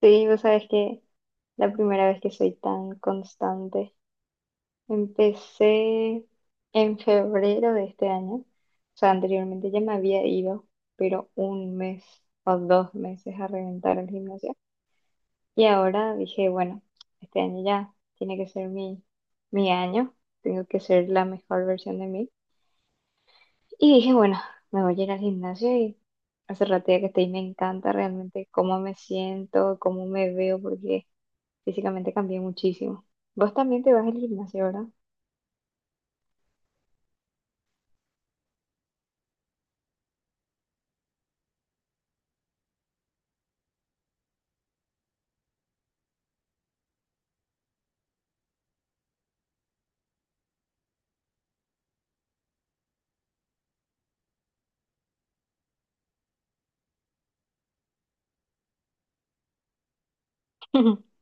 Sí, vos sabes que la primera vez que soy tan constante. Empecé en febrero de este año. O sea, anteriormente ya me había ido, pero un mes o dos meses a reventar el gimnasio. Y ahora dije, bueno, este año ya tiene que ser mi año. Tengo que ser la mejor versión de mí. Y dije, bueno, me voy a ir al gimnasio y hace rato ya que estoy, me encanta realmente cómo me siento, cómo me veo, porque... Físicamente cambié muchísimo. Vos también te vas al gimnasio, ¿verdad?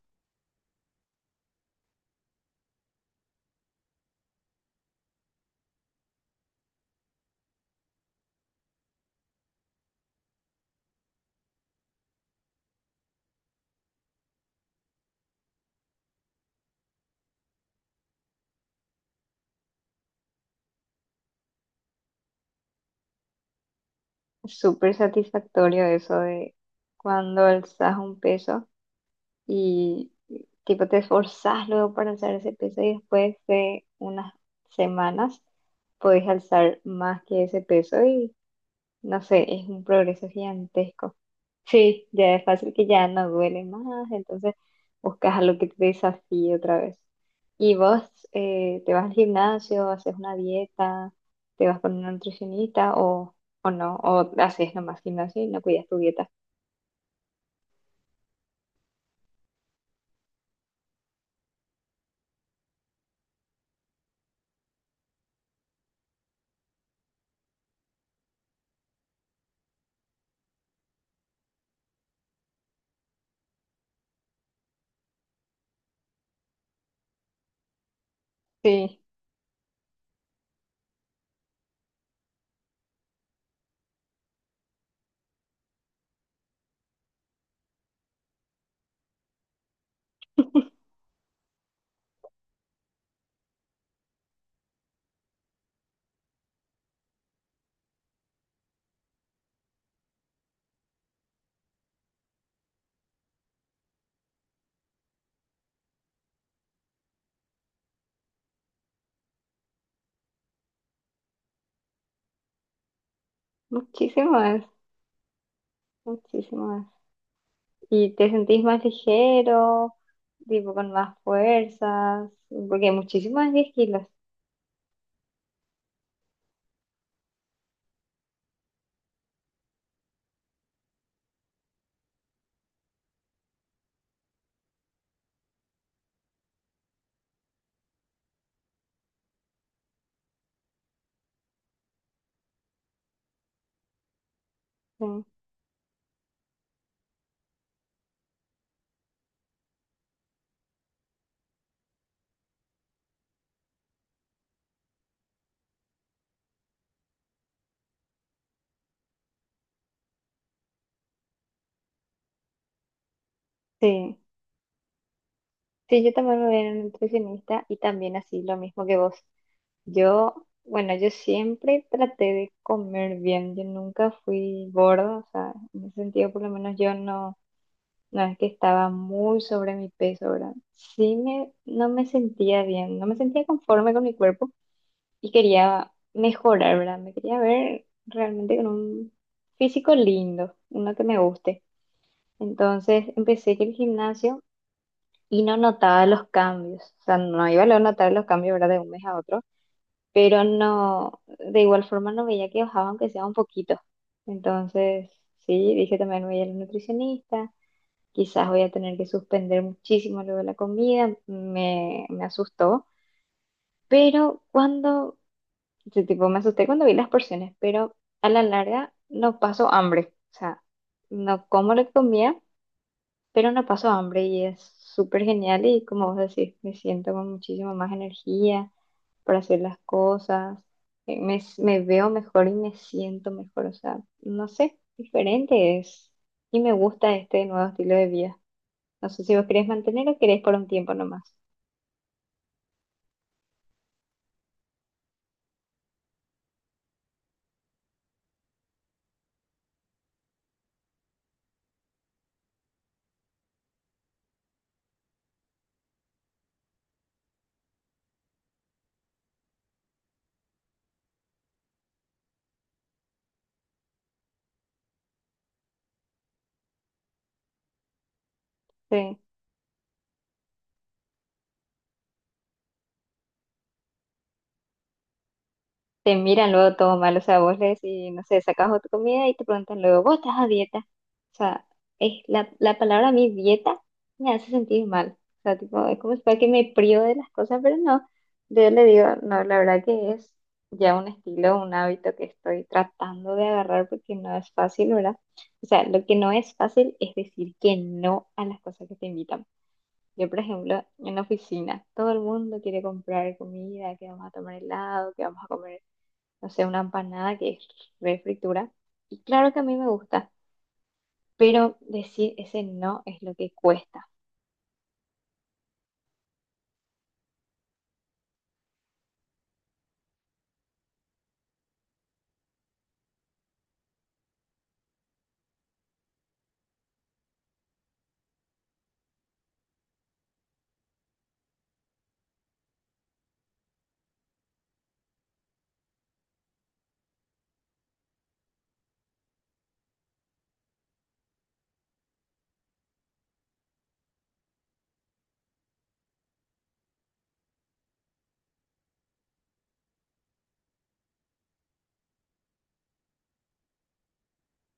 Es súper satisfactorio eso de cuando alzas un peso y tipo te esforzás luego para alzar ese peso y después de unas semanas podés alzar más que ese peso y no sé, es un progreso gigantesco. Sí, ya es fácil que ya no duele más, entonces buscas algo que te desafíe otra vez. Y vos te vas al gimnasio, haces una dieta, te vas con una nutricionista o no, o haces nomás gimnasio y no cuidas tu dieta. Sí, muchísimo más, muchísimo más. Y te sentís más ligero, tipo con más fuerzas, porque muchísimo es 10 kilos. Sí, sí. Sí, yo también me voy a ir a un nutricionista y también así lo mismo que vos. Yo, bueno, yo siempre traté de comer bien, yo nunca fui gorda, o sea, en ese sentido por lo menos yo no, no es que estaba muy sobre mi peso, ¿verdad? Sí no me sentía bien, no me sentía conforme con mi cuerpo y quería mejorar, ¿verdad? Me quería ver realmente con un físico lindo, uno que me guste. Entonces empecé que el gimnasio y no notaba los cambios. O sea, no iba a notar los cambios, ¿verdad? De un mes a otro, pero no, de igual forma no veía que bajaba aunque sea un poquito. Entonces, sí, dije también voy a ir al nutricionista, quizás voy a tener que suspender muchísimo luego la comida, me asustó, pero cuando, sí, tipo, me asusté cuando vi las porciones, pero a la larga no paso hambre, o sea, no como lo que comía pero no paso hambre y es súper genial y como vos decís, me siento con muchísima más energía para hacer las cosas, me veo mejor y me siento mejor, o sea, no sé, diferente es y me gusta este nuevo estilo de vida. No sé si vos querés mantener o querés por un tiempo nomás. Sí. Te miran luego todo mal, o sea, vos le decís, no sé, sacas otra comida y te preguntan luego, ¿vos estás a dieta? O sea, es la palabra a mí dieta me hace sentir mal. O sea, tipo, es como si fuera que me privo de las cosas, pero no, yo le digo, no, la verdad que es ya un estilo, un hábito que estoy tratando de agarrar porque no es fácil, ¿verdad? O sea, lo que no es fácil es decir que no a las cosas que te invitan. Yo, por ejemplo, en la oficina, todo el mundo quiere comprar comida, que vamos a tomar helado, que vamos a comer no sé, una empanada que es re fritura. Y claro que a mí me gusta, pero decir ese no es lo que cuesta.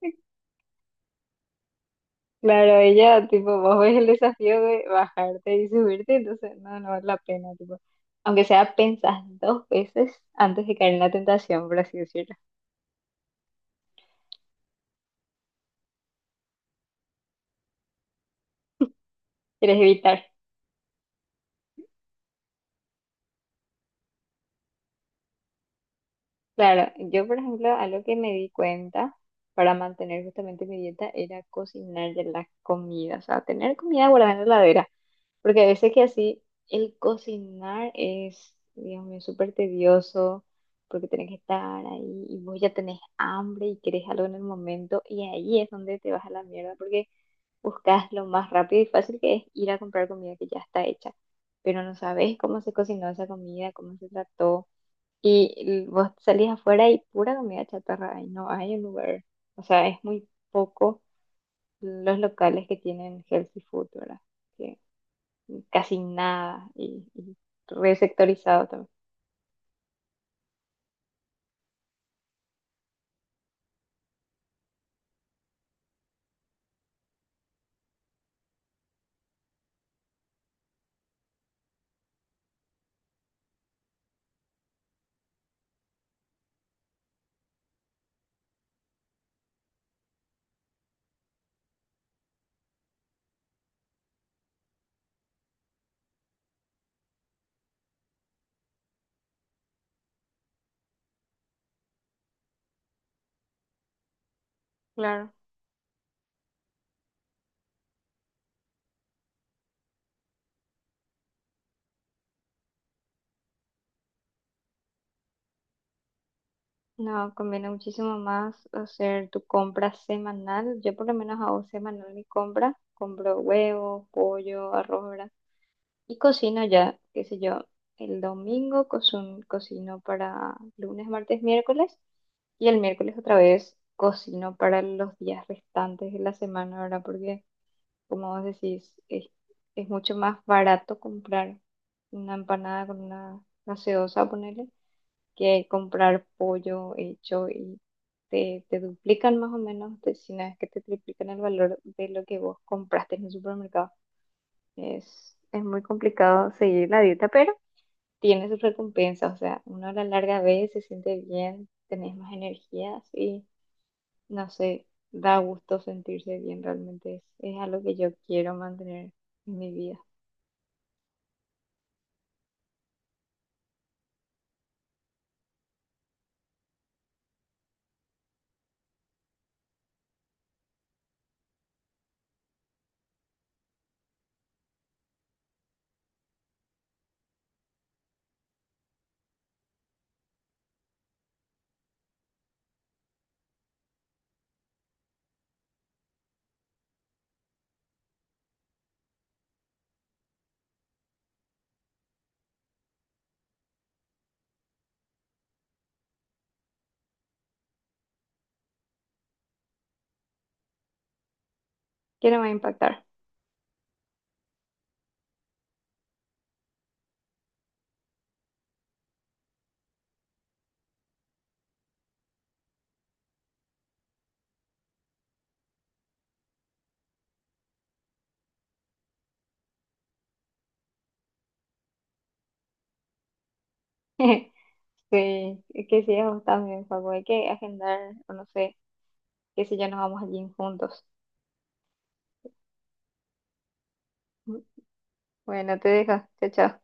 Claro, ella, tipo, vos ves el desafío de bajarte y subirte, entonces no, no vale la pena, tipo. Aunque sea, pensás dos veces antes de caer en la tentación, por así decirlo. Quieres evitar. Claro, yo, por ejemplo, algo que me di cuenta para mantener justamente mi dieta era cocinar de la comida, o sea, tener comida guardada en la heladera. Porque a veces que así el cocinar es, Dios mío, súper tedioso, porque tenés que estar ahí y vos ya tenés hambre y querés algo en el momento y ahí es donde te vas a la mierda porque buscas lo más rápido y fácil que es ir a comprar comida que ya está hecha, pero no sabes cómo se cocinó esa comida, cómo se trató y vos salís afuera y pura comida chatarra y no hay un lugar, o sea, es muy poco los locales que tienen healthy food, ¿verdad? Casi nada y resectorizado también. Claro. No, conviene muchísimo más hacer tu compra semanal. Yo por lo menos hago semanal mi compra. Compro huevo, pollo, arroz, ¿verdad? Y cocino ya, qué sé yo, el domingo cocino para lunes, martes, miércoles. Y el miércoles otra vez cocino para los días restantes de la semana, ¿verdad? Porque como vos decís, es mucho más barato comprar una empanada con una gaseosa, ponerle, que comprar pollo hecho te duplican más o menos, te, si no es que te triplican el valor de lo que vos compraste en el supermercado. Es muy complicado seguir la dieta, pero tiene sus recompensas, o sea, uno a la larga ve, se siente bien, tenés más energías no sé, da gusto sentirse bien, realmente es algo que yo quiero mantener en mi vida, que no me va a impactar. Sí, es que sí, a vos también, Facu, hay que agendar, o no sé, qué sé yo, nos vamos al gym juntos. Bueno, te dejo, chao, chao.